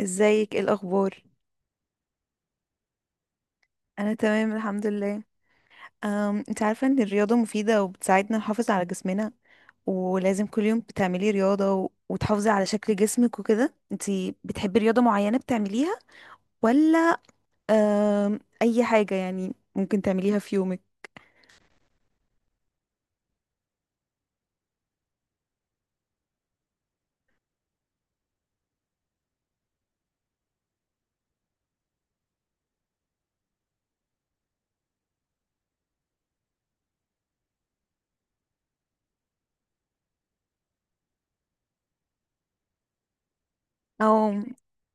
ازيك، ايه الاخبار؟ انا تمام، الحمد لله. انت عارفه ان الرياضه مفيده وبتساعدنا نحافظ على جسمنا، ولازم كل يوم بتعملي رياضه وتحافظي على شكل جسمك وكده. انت بتحبي رياضه معينه بتعمليها ولا اي حاجه يعني ممكن تعمليها في يومك؟ او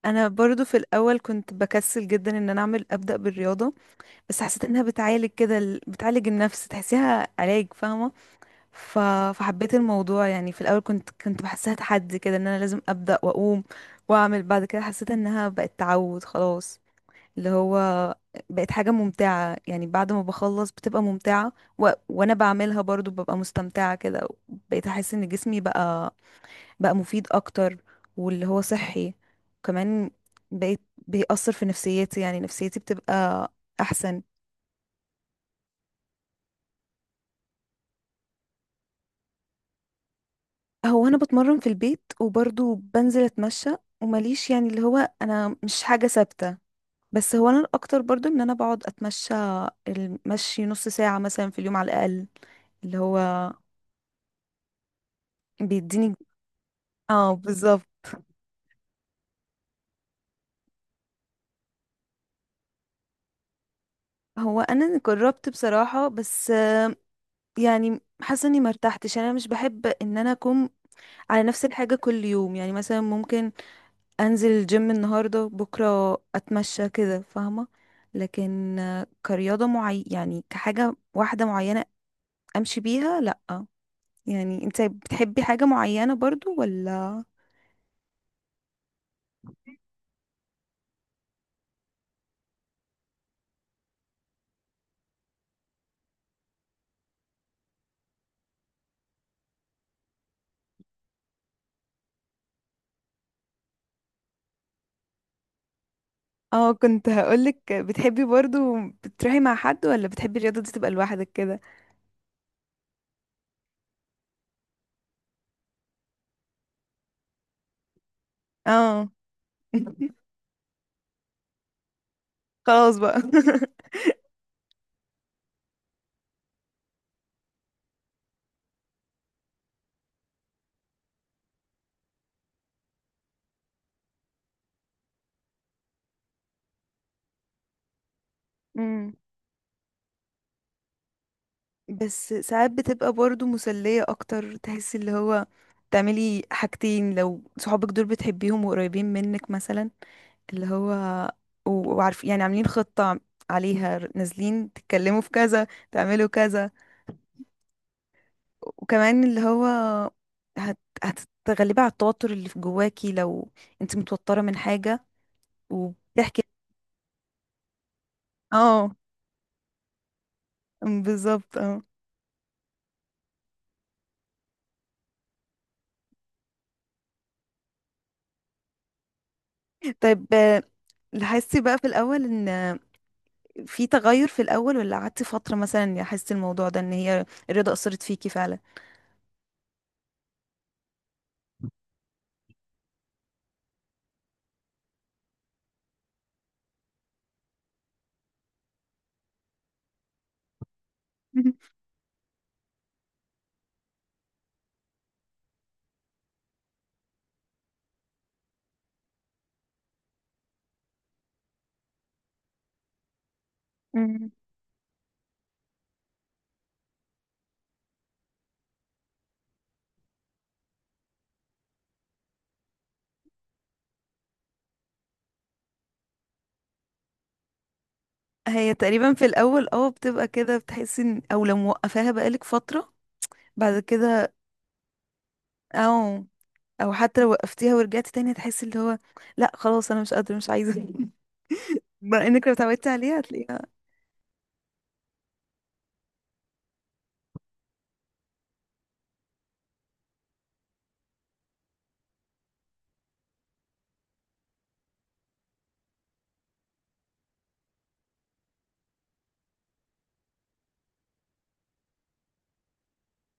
انا برضو في الاول كنت بكسل جدا ان انا اعمل ابدا بالرياضه، بس حسيت انها بتعالج كده بتعالج النفس، تحسيها علاج فاهمه. ف... فحبيت الموضوع يعني. في الاول كنت بحسها تحدي كده، ان انا لازم ابدا واقوم واعمل. بعد كده حسيت انها بقت تعود خلاص، اللي هو بقت حاجه ممتعه، يعني بعد ما بخلص بتبقى ممتعه، وانا بعملها برضو ببقى مستمتعه كده. بقيت احس ان جسمي بقى مفيد اكتر، واللي هو صحي. وكمان بقيت بيأثر في نفسيتي، يعني نفسيتي بتبقى احسن. هو انا بتمرن في البيت وبرضه بنزل اتمشى، ومليش يعني اللي هو انا مش حاجة ثابتة، بس هو انا الاكتر برضه ان انا بقعد اتمشى. المشي نص ساعة مثلا في اليوم على الاقل، اللي هو بيديني. اه، بالظبط. هو انا جربت بصراحة، بس يعني حاسة اني مرتحتش، انا مش بحب ان انا اكون على نفس الحاجة كل يوم، يعني مثلا ممكن انزل الجيم النهارده، بكره اتمشى كده فاهمه، لكن كرياضه معي يعني كحاجه واحده معينه امشي بيها، لا. يعني انت بتحبي حاجه معينه برضو ولا؟ اه، كنت هقولك، بتحبي برضو بتروحي مع حد ولا بتحبي الرياضه دي تبقى لوحدك كده؟ اه. خلاص بقى. مم. بس ساعات بتبقى برضو مسلية اكتر، تحس اللي هو تعملي حاجتين لو صحابك دول بتحبيهم وقريبين منك مثلا، اللي هو وعارف يعني عاملين خطة عليها نازلين تتكلموا في كذا تعملوا كذا. وكمان اللي هو هت... هتتغلبي على التوتر اللي في جواكي لو انت متوترة من حاجة وبتحكي. اه، بالظبط. اه. طيب، لاحظتي بقى في الأول ان في تغير، في الأول ولا قعدتي فترة مثلا حسيتي الموضوع ده، ان هي الرضا أثرت فيكي فعلا؟ مم. هي تقريبا في الأول اه بتبقى كده، بتحسي ان او لو موقفاها بقالك فترة بعد كده، او او حتى لو وقفتيها ورجعتي تاني هتحسي اللي هو لا خلاص انا مش قادرة مش عايزة. بما انك لو اتعودتي عليها هتلاقيها.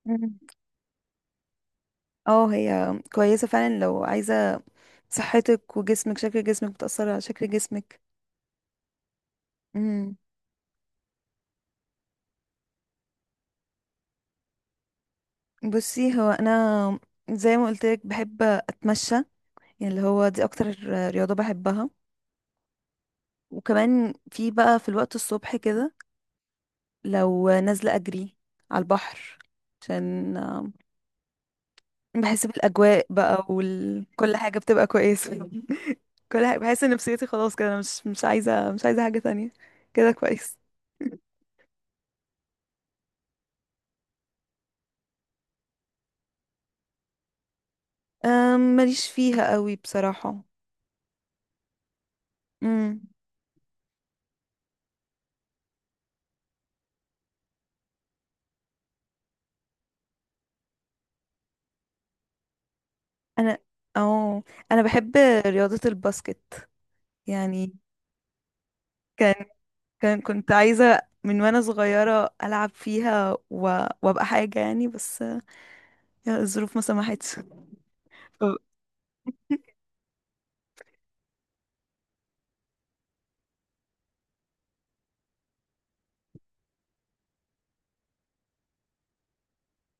مم. اه، هي كويسة فعلا لو عايزة صحتك وجسمك، شكل جسمك بتأثر على شكل جسمك. امم. بصي هو انا زي ما قلت لك بحب اتمشى، يعني اللي هو دي اكتر رياضة بحبها. وكمان في بقى في الوقت الصبح كده لو نازلة اجري على البحر، عشان بحس بالاجواء بقى، وكل حاجة بتبقى كويسة. كل حاجة، بحس ان نفسيتي خلاص كده، أنا مش عايزة مش عايزة حاجة تانية، كده كويس. ماليش فيها قوي بصراحة. امم. انا اه انا بحب رياضة الباسكت يعني. كان كان كنت عايزة من وانا صغيرة العب فيها وابقى حاجة يعني، بس يا الظروف ما سمحتش. ف-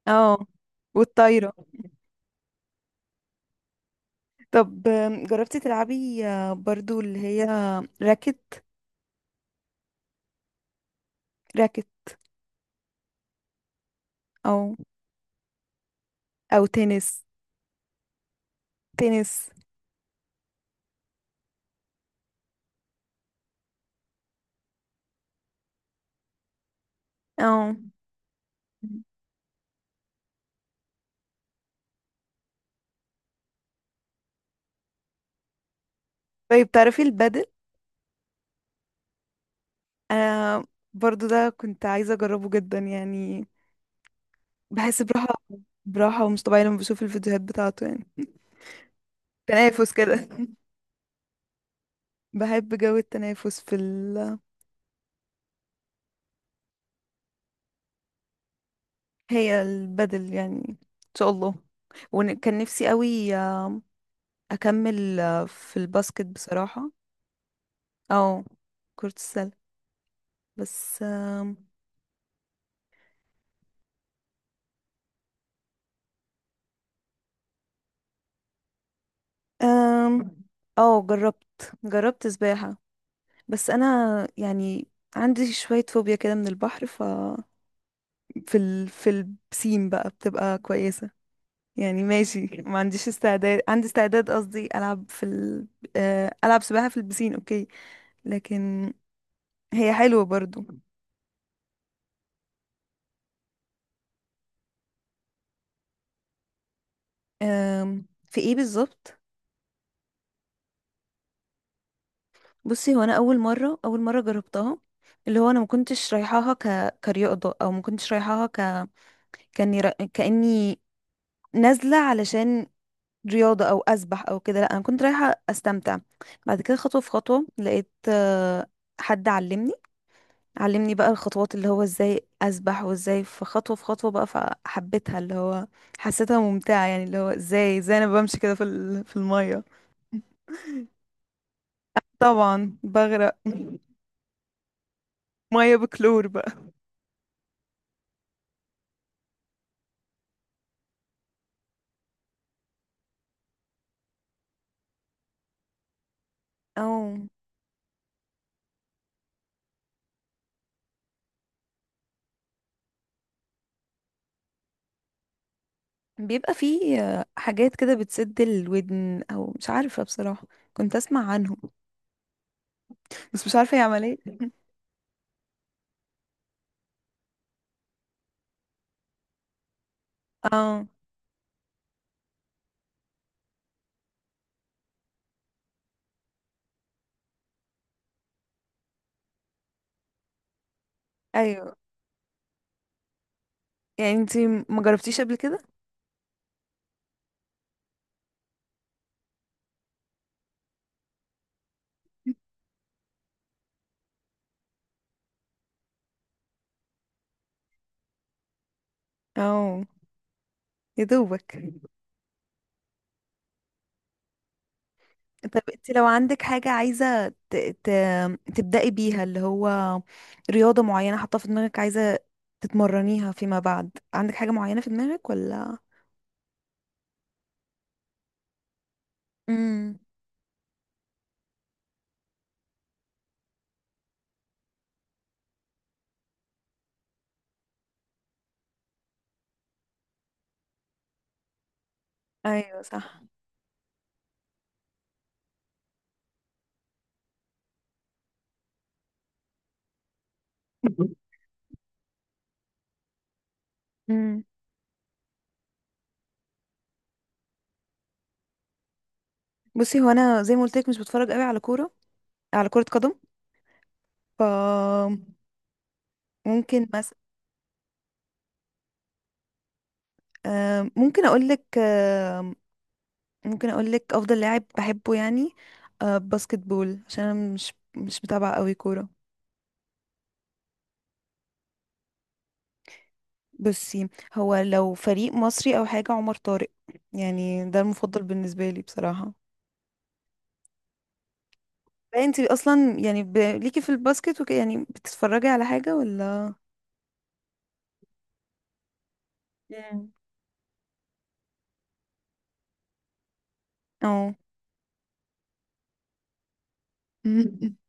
اه، والطايرة. طب جربتي تلعبي برضو اللي هي راكت راكت او او تنس تنس، اه. طيب تعرفي البادل؟ انا برضو ده كنت عايزة اجربه جدا يعني، بحس براحة، براحة ومش طبيعية لما بشوف الفيديوهات بتاعته، يعني تنافس كده. بحب جو التنافس هي البدل يعني ان شاء الله. وكان نفسي قوي اكمل في الباسكت بصراحة، او كرة السلة، بس آم، آم، اه، جربت سباحة، بس انا يعني عندي شوية فوبيا كده من البحر، ف في البسين بقى بتبقى كويسة، يعني ماشي. ما عنديش استعداد، عندي استعداد قصدي، العب في ال... آه، العب سباحة في البسين، اوكي، لكن هي حلوة برضو. في ايه بالظبط؟ بصي هو انا اول مرة جربتها اللي هو انا ما كنتش رايحاها كرياضة، او ما كنتش رايحاها كاني نازلة علشان رياضة او اسبح او كده، لا انا كنت رايحة استمتع. بعد كده خطوة في خطوة لقيت حد علمني بقى الخطوات، اللي هو ازاي اسبح وازاي، في خطوه في خطوه بقى، فحبيتها اللي هو حسيتها ممتعه يعني، اللي هو ازاي انا بمشي كده في الميه. طبعا بغرق. ميه بكلور بقى. او بيبقى فيه حاجات كده بتسد الودن، او مش عارفه بصراحه، كنت اسمع عنهم، بس مش عارفه هي عمليه. اه، ايوه، يعني انتي ما جربتيش قبل كده؟ اه، يا دوبك. طب انت لو عندك حاجة عايزة تبدأي بيها، اللي هو رياضة معينة حاطة في دماغك عايزة تتمرنيها فيما بعد، عندك حاجة معينة في دماغك ولا؟ امم. ايوه، صح. امم. بصي هو انا زي ما قلت لك مش بتفرج قوي على كورة، على كرة قدم. ف، ممكن مثلا ممكن اقول لك ممكن اقول لك افضل لاعب بحبه يعني، باسكت بول عشان انا مش متابعة قوي كورة. بصي هو لو فريق مصري او حاجه عمر طارق، يعني ده المفضل بالنسبه لي بصراحه. انت اصلا يعني ليكي في الباسكت وكده يعني بتتفرجي على حاجه ولا؟ مم. اه.